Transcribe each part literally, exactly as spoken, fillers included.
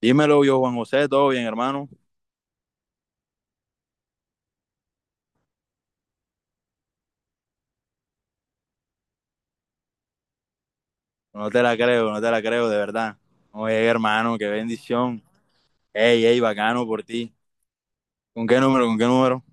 Dímelo yo, Juan José, todo bien, hermano. No te la creo, no te la creo, de verdad. Oye, hermano, qué bendición. Ey, ey, bacano por ti. ¿Con qué número, con qué número?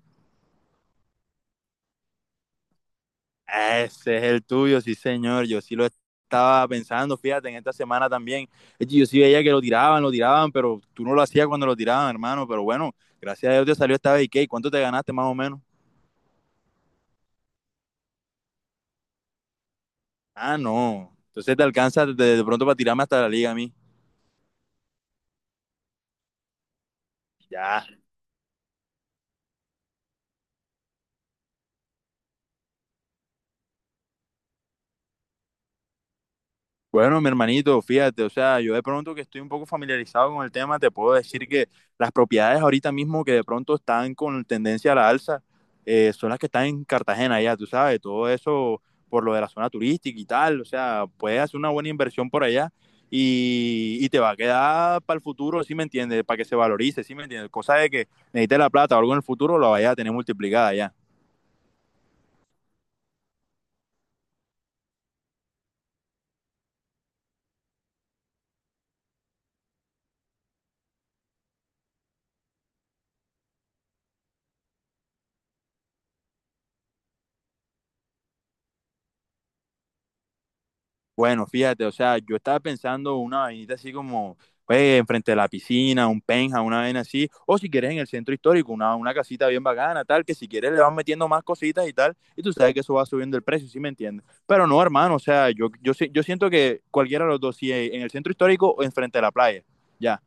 Ese es el tuyo, sí, señor. Yo sí lo estaba pensando, fíjate, en esta semana también. Es que yo sí veía que lo tiraban, lo tiraban, pero tú no lo hacías cuando lo tiraban, hermano. Pero bueno, gracias a Dios te salió esta vez. ¿Y qué? ¿Cuánto te ganaste más o menos? Ah, no. Entonces te alcanza de, de pronto para tirarme hasta la liga a mí. Ya. Bueno, mi hermanito, fíjate, o sea, yo de pronto que estoy un poco familiarizado con el tema, te puedo decir que las propiedades ahorita mismo que de pronto están con tendencia a la alza, eh, son las que están en Cartagena ya, tú sabes, todo eso por lo de la zona turística y tal, o sea, puedes hacer una buena inversión por allá y, y te va a quedar para el futuro, ¿sí me entiendes? Para que se valorice, ¿sí me entiendes? Cosa de que necesites la plata o algo en el futuro, la vayas a tener multiplicada ya. Bueno, fíjate, o sea, yo estaba pensando una vainita así como, pues, enfrente de la piscina, un penja, una vaina así, o si quieres en el centro histórico, una, una casita bien bacana, tal, que si quieres le vas metiendo más cositas y tal, y tú sabes que eso va subiendo el precio, ¿sí me entiendes? Pero no, hermano, o sea, yo, yo, si- yo siento que cualquiera de los dos, si en el centro histórico o enfrente de la playa, ya.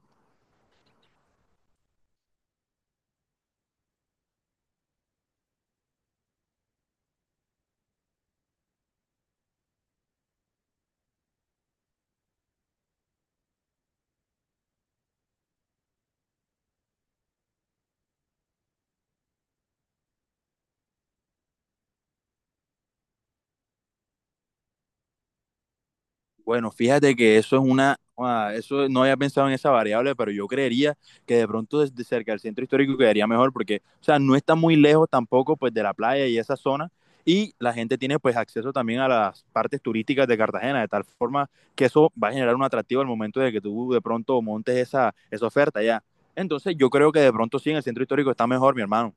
Bueno, fíjate que eso es una, ah, eso no había pensado en esa variable, pero yo creería que de pronto desde cerca del centro histórico quedaría mejor porque, o sea, no está muy lejos tampoco pues de la playa y esa zona y la gente tiene pues acceso también a las partes turísticas de Cartagena, de tal forma que eso va a generar un atractivo al momento de que tú de pronto montes esa, esa oferta ya. Entonces yo creo que de pronto sí en el centro histórico está mejor, mi hermano.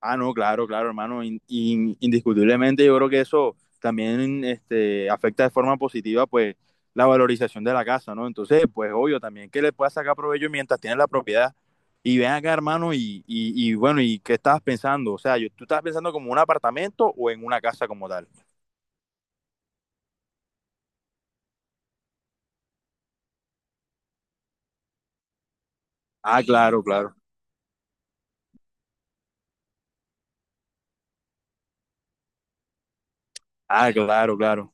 Ah, no, claro, claro, hermano. In- in- indiscutiblemente yo creo que eso también este, afecta de forma positiva, pues, la valorización de la casa, ¿no? Entonces, pues, obvio, también que le puedas sacar provecho mientras tienes la propiedad. Y ven acá, hermano, y, y, y bueno, ¿y qué estabas pensando? O sea, yo- ¿tú estabas pensando como un apartamento o en una casa como tal? Ah, sí, claro, claro. Ah, claro, claro.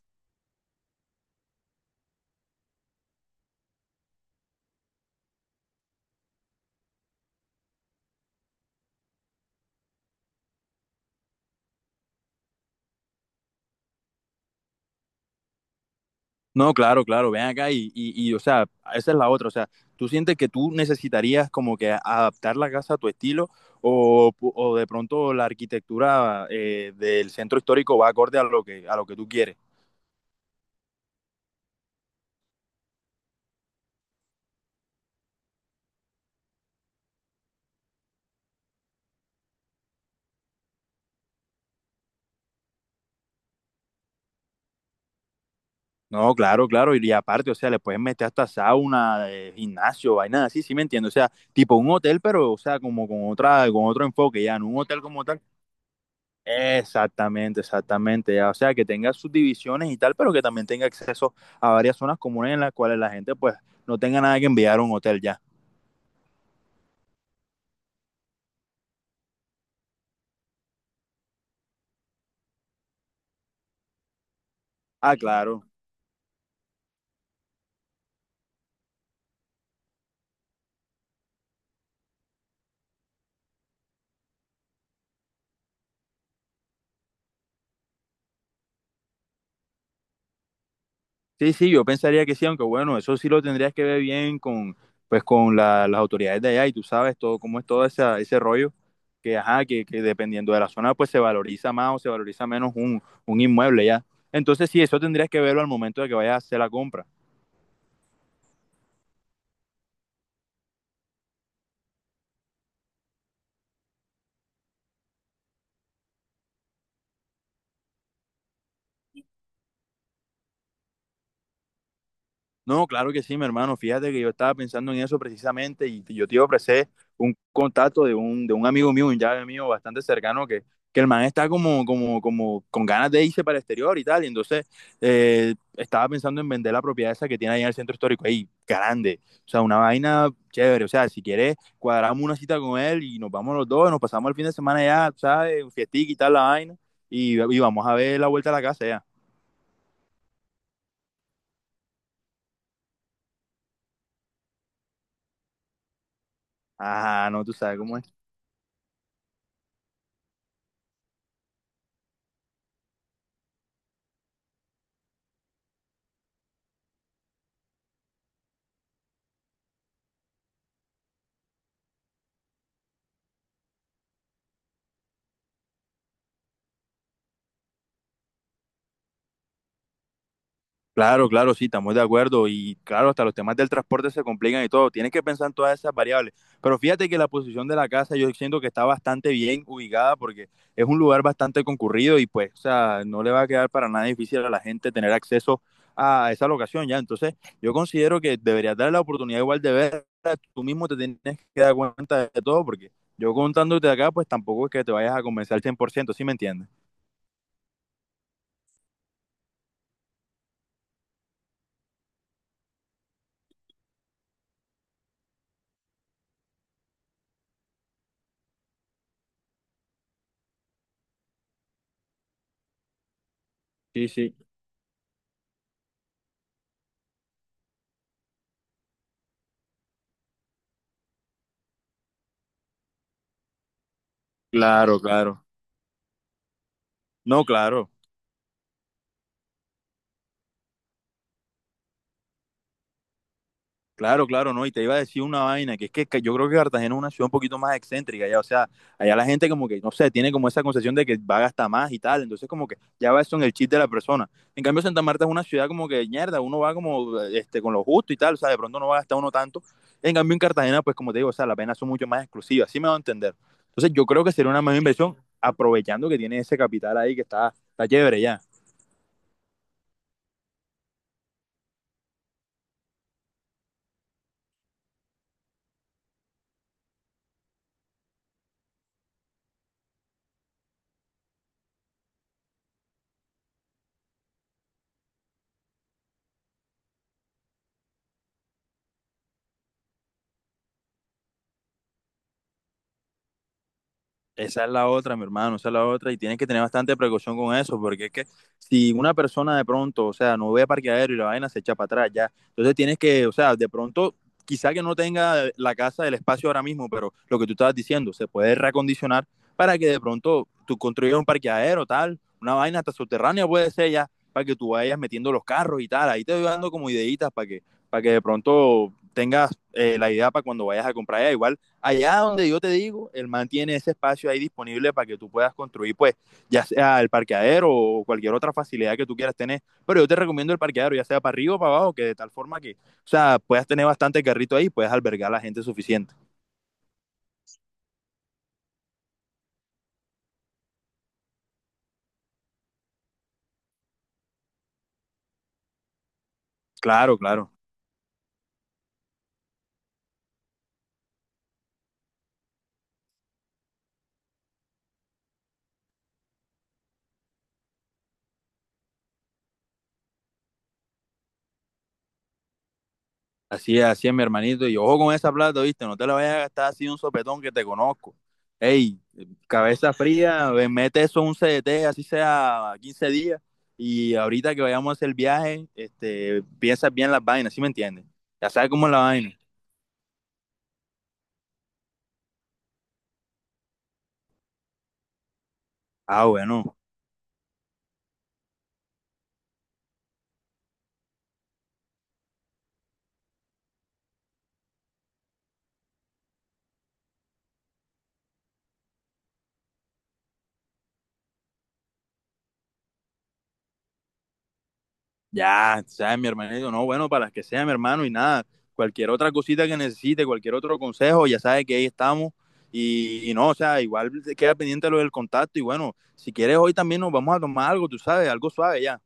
No, claro, claro, ven acá y, y, y, o sea, esa es la otra, o sea, ¿tú sientes que tú necesitarías como que adaptar la casa a tu estilo o, o de pronto la arquitectura eh, del centro histórico va acorde a lo que, a lo que tú quieres? No, claro, claro, y, y aparte, o sea, le puedes meter hasta sauna, eh, gimnasio, vainas así, sí me entiendo, o sea, tipo un hotel, pero, o sea, como con otra, con otro enfoque, ya, no un hotel como tal. Exactamente, exactamente. O sea, que tenga sus divisiones y tal, pero que también tenga acceso a varias zonas comunes en las cuales la gente pues no tenga nada que enviar a un hotel ya. Ah, claro. Sí, sí, yo pensaría que sí, aunque bueno, eso sí lo tendrías que ver bien con pues con la- las autoridades de allá y tú sabes todo cómo es todo ese, ese rollo que ajá, que, que dependiendo de la zona pues se valoriza más o se valoriza menos un, un inmueble ya. Entonces sí, eso tendrías que verlo al momento de que vayas a hacer la compra. No, claro que sí, mi hermano. Fíjate que yo estaba pensando en eso precisamente y yo te ofrecí un contacto de un, de un amigo mío, un llave mío bastante cercano que, que el man está como, como, como con ganas de irse para el exterior y tal. Y entonces eh, estaba pensando en vender la propiedad esa que tiene ahí en el centro histórico, ahí, grande. O sea, una vaina chévere. O sea, si quieres, cuadramos una cita con él y nos vamos los dos, nos pasamos el fin de semana ya, ¿sabes? Un fiestic y tal la vaina. Y, y vamos a ver la vuelta a la casa ya. Ajá, no, tú sabes cómo es. Claro, claro, sí, estamos de acuerdo. Y claro, hasta los temas del transporte se complican y todo. Tienes que pensar en todas esas variables. Pero fíjate que la posición de la casa yo siento que está bastante bien ubicada porque es un lugar bastante concurrido y pues, o sea, no le va a quedar para nada difícil a la gente tener acceso a esa locación ya. Entonces, yo considero que deberías darle la oportunidad igual de verla. Tú mismo te tienes que dar cuenta de todo porque yo contándote acá, pues tampoco es que te vayas a convencer al cien por ciento. ¿Sí me entiendes? Sí, sí. Claro, claro. No, claro. Claro, claro, no, y te iba a decir una vaina, que es que ca- yo creo que Cartagena es una ciudad un poquito más excéntrica, ya, o sea, allá la gente como que, no sé, tiene como esa concepción de que va a gastar más y tal, entonces como que ya va eso en el chip de la persona. En cambio, Santa Marta es una ciudad como que, mierda, uno va como, este, con lo justo y tal, o sea, de pronto no va a gastar uno tanto. En cambio, en Cartagena, pues como te digo, o sea, las penas son mucho más exclusivas, así me va a entender. Entonces, yo creo que sería una mejor inversión aprovechando que tiene ese capital ahí que está, está chévere ya. Esa es la otra, mi hermano, esa es la otra, y tienes que tener bastante precaución con eso, porque es que si una persona de pronto, o sea, no ve parqueadero y la vaina se echa para atrás, ya. Entonces tienes que, o sea, de pronto, quizá que no tenga la casa, el espacio ahora mismo, pero lo que tú estabas diciendo, se puede reacondicionar para que de pronto tú construyas un parqueadero, tal, una vaina hasta subterránea puede ser ya, para que tú vayas metiendo los carros y tal. Ahí te voy dando como ideitas para que, para que de pronto tengas eh, la idea para cuando vayas a comprar allá. Igual allá donde yo te digo, el man tiene ese espacio ahí disponible para que tú puedas construir, pues, ya sea el parqueadero o cualquier otra facilidad que tú quieras tener. Pero yo te recomiendo el parqueadero, ya sea para arriba o para abajo, que de tal forma que, o sea, puedas tener bastante carrito ahí y puedas albergar a la gente suficiente. Claro, claro. Así es, así es, mi hermanito. Y ojo con esa plata, ¿viste? No te la vayas a gastar así un sopetón que te conozco. Ey, cabeza fría, ve, mete eso en un C D T, así sea quince días. Y ahorita que vayamos a hacer el viaje, este, piensas bien las vainas, ¿sí me entiendes? Ya sabes cómo es la vaina. Ah, bueno. Ya, ¿sabes? Mi hermano dijo, no, bueno, para las que sea, mi hermano, y nada. Cualquier otra cosita que necesite, cualquier otro consejo, ya sabe que ahí estamos. Y, y no, o sea, igual se queda pendiente lo del contacto. Y bueno, si quieres, hoy también nos vamos a tomar algo, tú sabes, algo suave ya.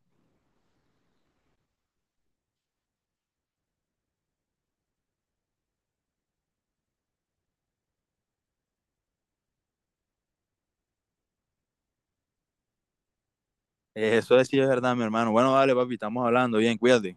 Eso es, sí es verdad, mi hermano. Bueno, dale, papi, estamos hablando. Bien, cuídate.